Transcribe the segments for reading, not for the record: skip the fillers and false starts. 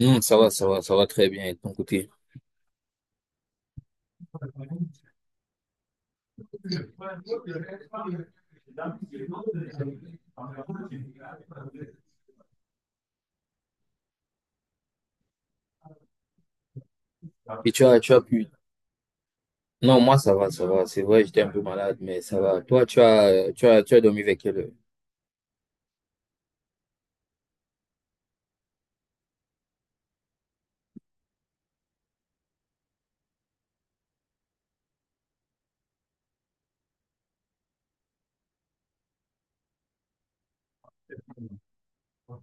Non, ça va, ça va, ça va très bien et de ton côté. Et tu as pu. Non, moi, ça va, ça va. C'est vrai, j'étais un peu malade, mais ça va. Toi, tu as dormi avec quelle heure?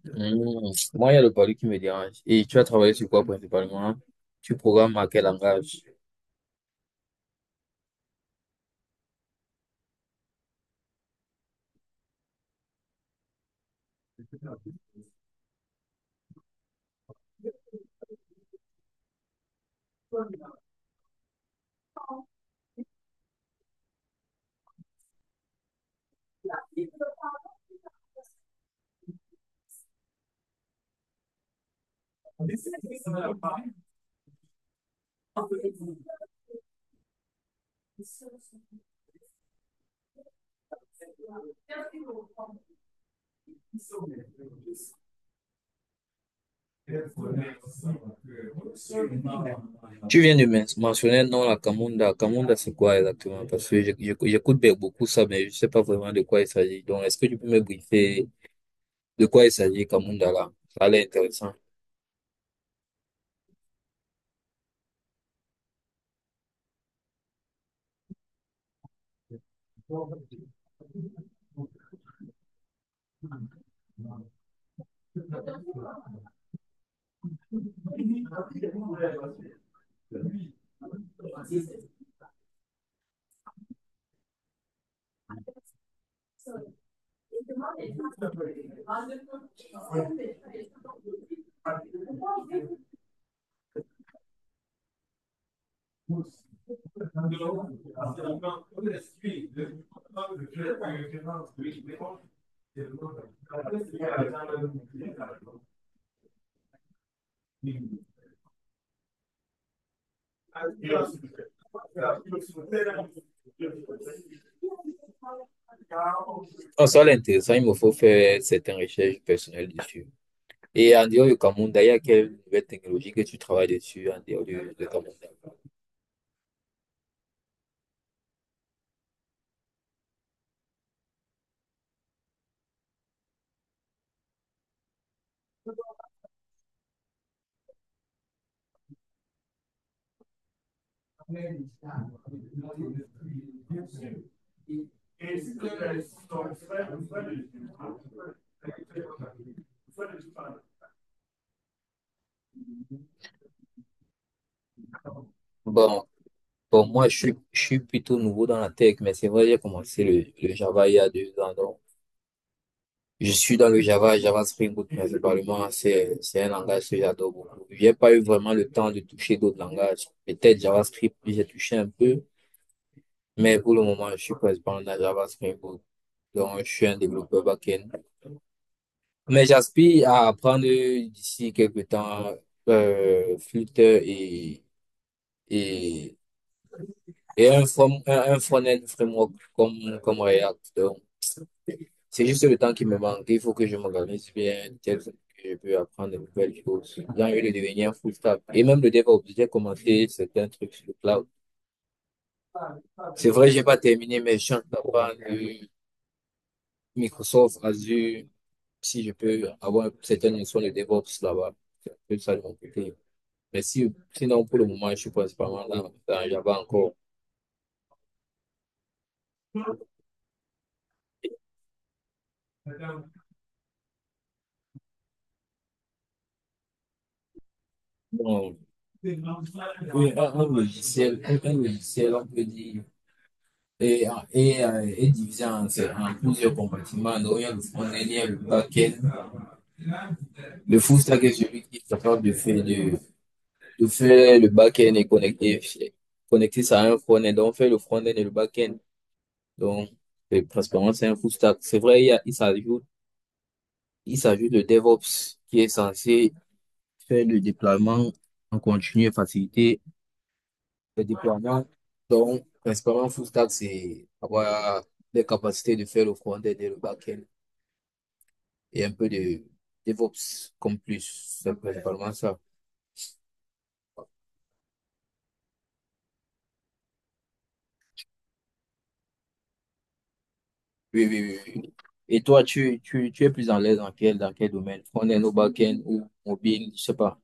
Hmm. Moi, il y a le palu qui me dérange. Et tu as travaillé sur quoi principalement? Tu programmes à quel langage? Tu viens de mentionner non la Kamunda. Kamunda, c'est quoi exactement? Parce que j'écoute beaucoup ça, mais je sais pas vraiment de quoi il s'agit. Donc, est-ce que tu peux me briefer de quoi il s'agit, Kamunda, là? Ça a l'air intéressant. Non, ça c'est intéressant, il me faut faire certaines recherches personnelles dessus. Et en dehors du Cameroun, d'ailleurs, quelle nouvelle technologie que tu travailles dessus en dehors du Cameroun? Bon, bon, moi, je suis plutôt nouveau dans la tech, mais c'est vrai, j'ai commencé le Java il y a deux ans. Donc, je suis dans le Java, Java Spring Boot principalement. C'est un langage que j'adore beaucoup. J'ai pas eu vraiment le temps de toucher d'autres langages. Peut-être JavaScript, j'ai touché un peu, mais pour le moment, je suis principalement dans Java Spring Boot. Donc, je suis un développeur back. Mais j'aspire à apprendre d'ici quelque temps Flutter et, et un, from, un front-end framework comme, comme React. Donc, c'est juste le temps qui me manque. Il faut que je m'organise bien, tel que je peux apprendre de nouvelles choses. J'ai envie de devenir full stack. Et même le DevOps, j'ai commencé certains trucs sur le cloud. C'est vrai, j'ai pas terminé, mais je suis en train d'apprendre Microsoft Azure, si je peux avoir certaines notions de DevOps là-bas. C'est un peu ça de mon côté. Mais si, sinon, pour le moment, je suis principalement dans, dans Java encore. Bon, oui, un logiciel, un logiciel, on peut dire, est, est divisé en plusieurs compartiments. Donc, il y a le front-end, le back-end. Le full stack est celui qui est capable de faire le back-end et connecter, connecter ça à un front-end. Donc, on fait le front-end et le back-end. Donc, principalement, c'est un full stack. C'est vrai, il y a, il s'ajoute le DevOps qui est censé faire le déploiement en continu et faciliter le déploiement. Donc, principalement, full stack, c'est avoir les capacités de faire le front-end et le back-end et un peu de DevOps comme plus. C'est principalement ça. Oui, oui, oui, oui. Et toi, tu es plus à l'aise dans quel domaine? Front-end ou back-end ou mobile, je sais pas.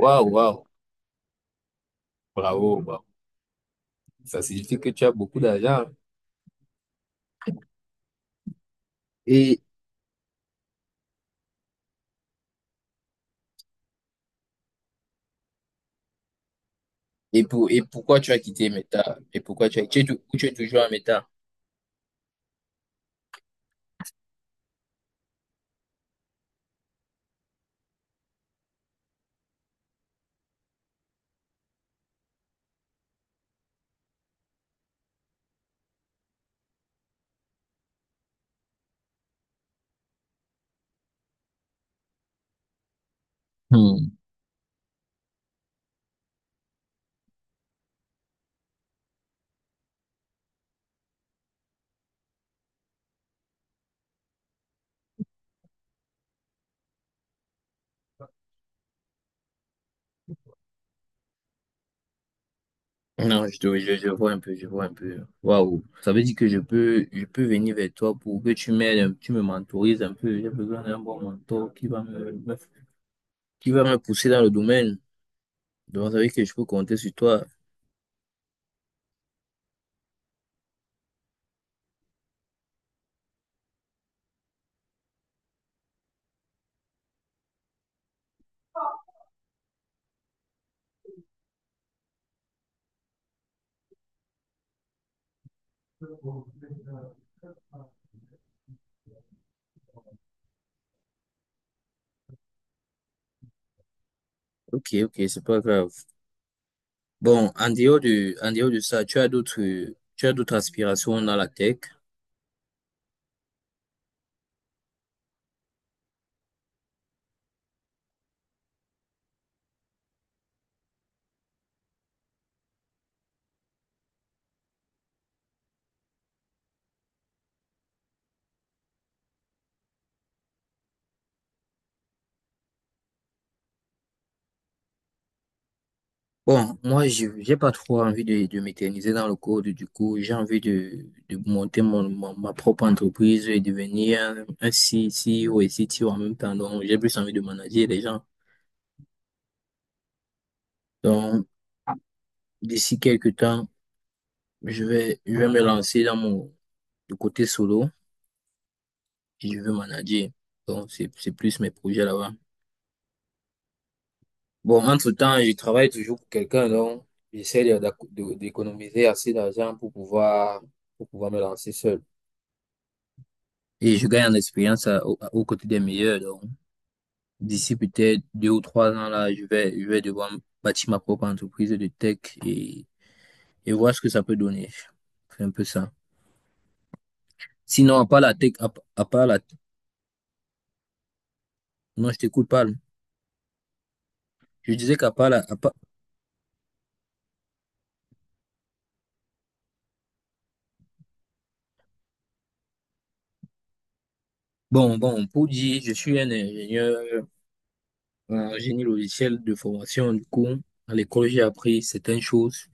Waouh, waouh. Bravo, bravo. Ça signifie que tu as beaucoup d'argent. Et, Et, pour, et pourquoi tu as quitté Meta? Et pourquoi tu as, tu es, ou tu es toujours à Meta? Hmm. Non, je, je vois un peu, je vois un peu. Waouh, ça veut dire que je peux venir vers toi pour que tu m'aides, tu me mentorises un peu. J'ai besoin d'un bon mentor qui va qui va me pousser dans le domaine. Donc, ça veut dire que je peux compter sur toi. Ok, ok, c'est pas grave. Bon, en dehors de ça, tu as d'autres aspirations dans la tech? Bon, moi, je j'ai pas trop envie de m'éterniser dans le code. Du coup, j'ai envie de monter ma propre entreprise et devenir un CEO et CTO en même temps. Donc, j'ai plus envie de manager les gens. Donc, d'ici quelques temps, je vais me lancer dans mon le côté solo et je vais manager. Donc, c'est plus mes projets là-bas. Bon, entre-temps, je travaille toujours pour quelqu'un. Donc, j'essaie d'économiser assez d'argent pour pouvoir me lancer seul. Et je gagne en expérience aux côtés des meilleurs. Donc, d'ici peut-être deux ou trois ans, là, je vais devoir bâtir ma propre entreprise de tech et, et voir ce que ça peut donner. C'est un peu ça. Sinon, à part la tech, à part la, non, je t'écoute pas. Je disais qu'à part la, à part bon, bon, pour dire, je suis un ingénieur en génie logiciel de formation. Du coup, à l'école, j'ai appris certaines choses.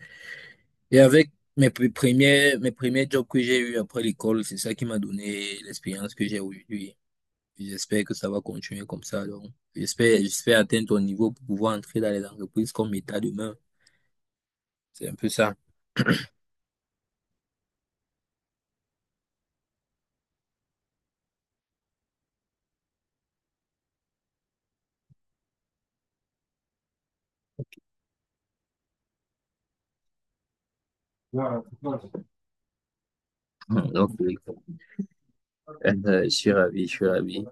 Et avec mes premiers, mes premiers jobs que j'ai eu après l'école, c'est ça qui m'a donné l'expérience que j'ai aujourd'hui. J'espère que ça va continuer comme ça. Donc, j'espère, j'espère atteindre ton niveau pour pouvoir entrer dans les entreprises comme État demain. C'est un peu ça. Mm, donc, oui, je suis ravi, je suis ravi.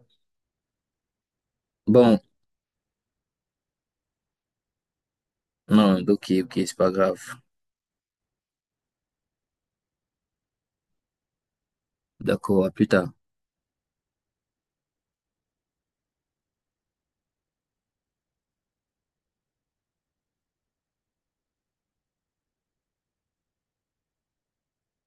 Bon, non, ok, ok, c'est pas grave. D'accord, à plus tard.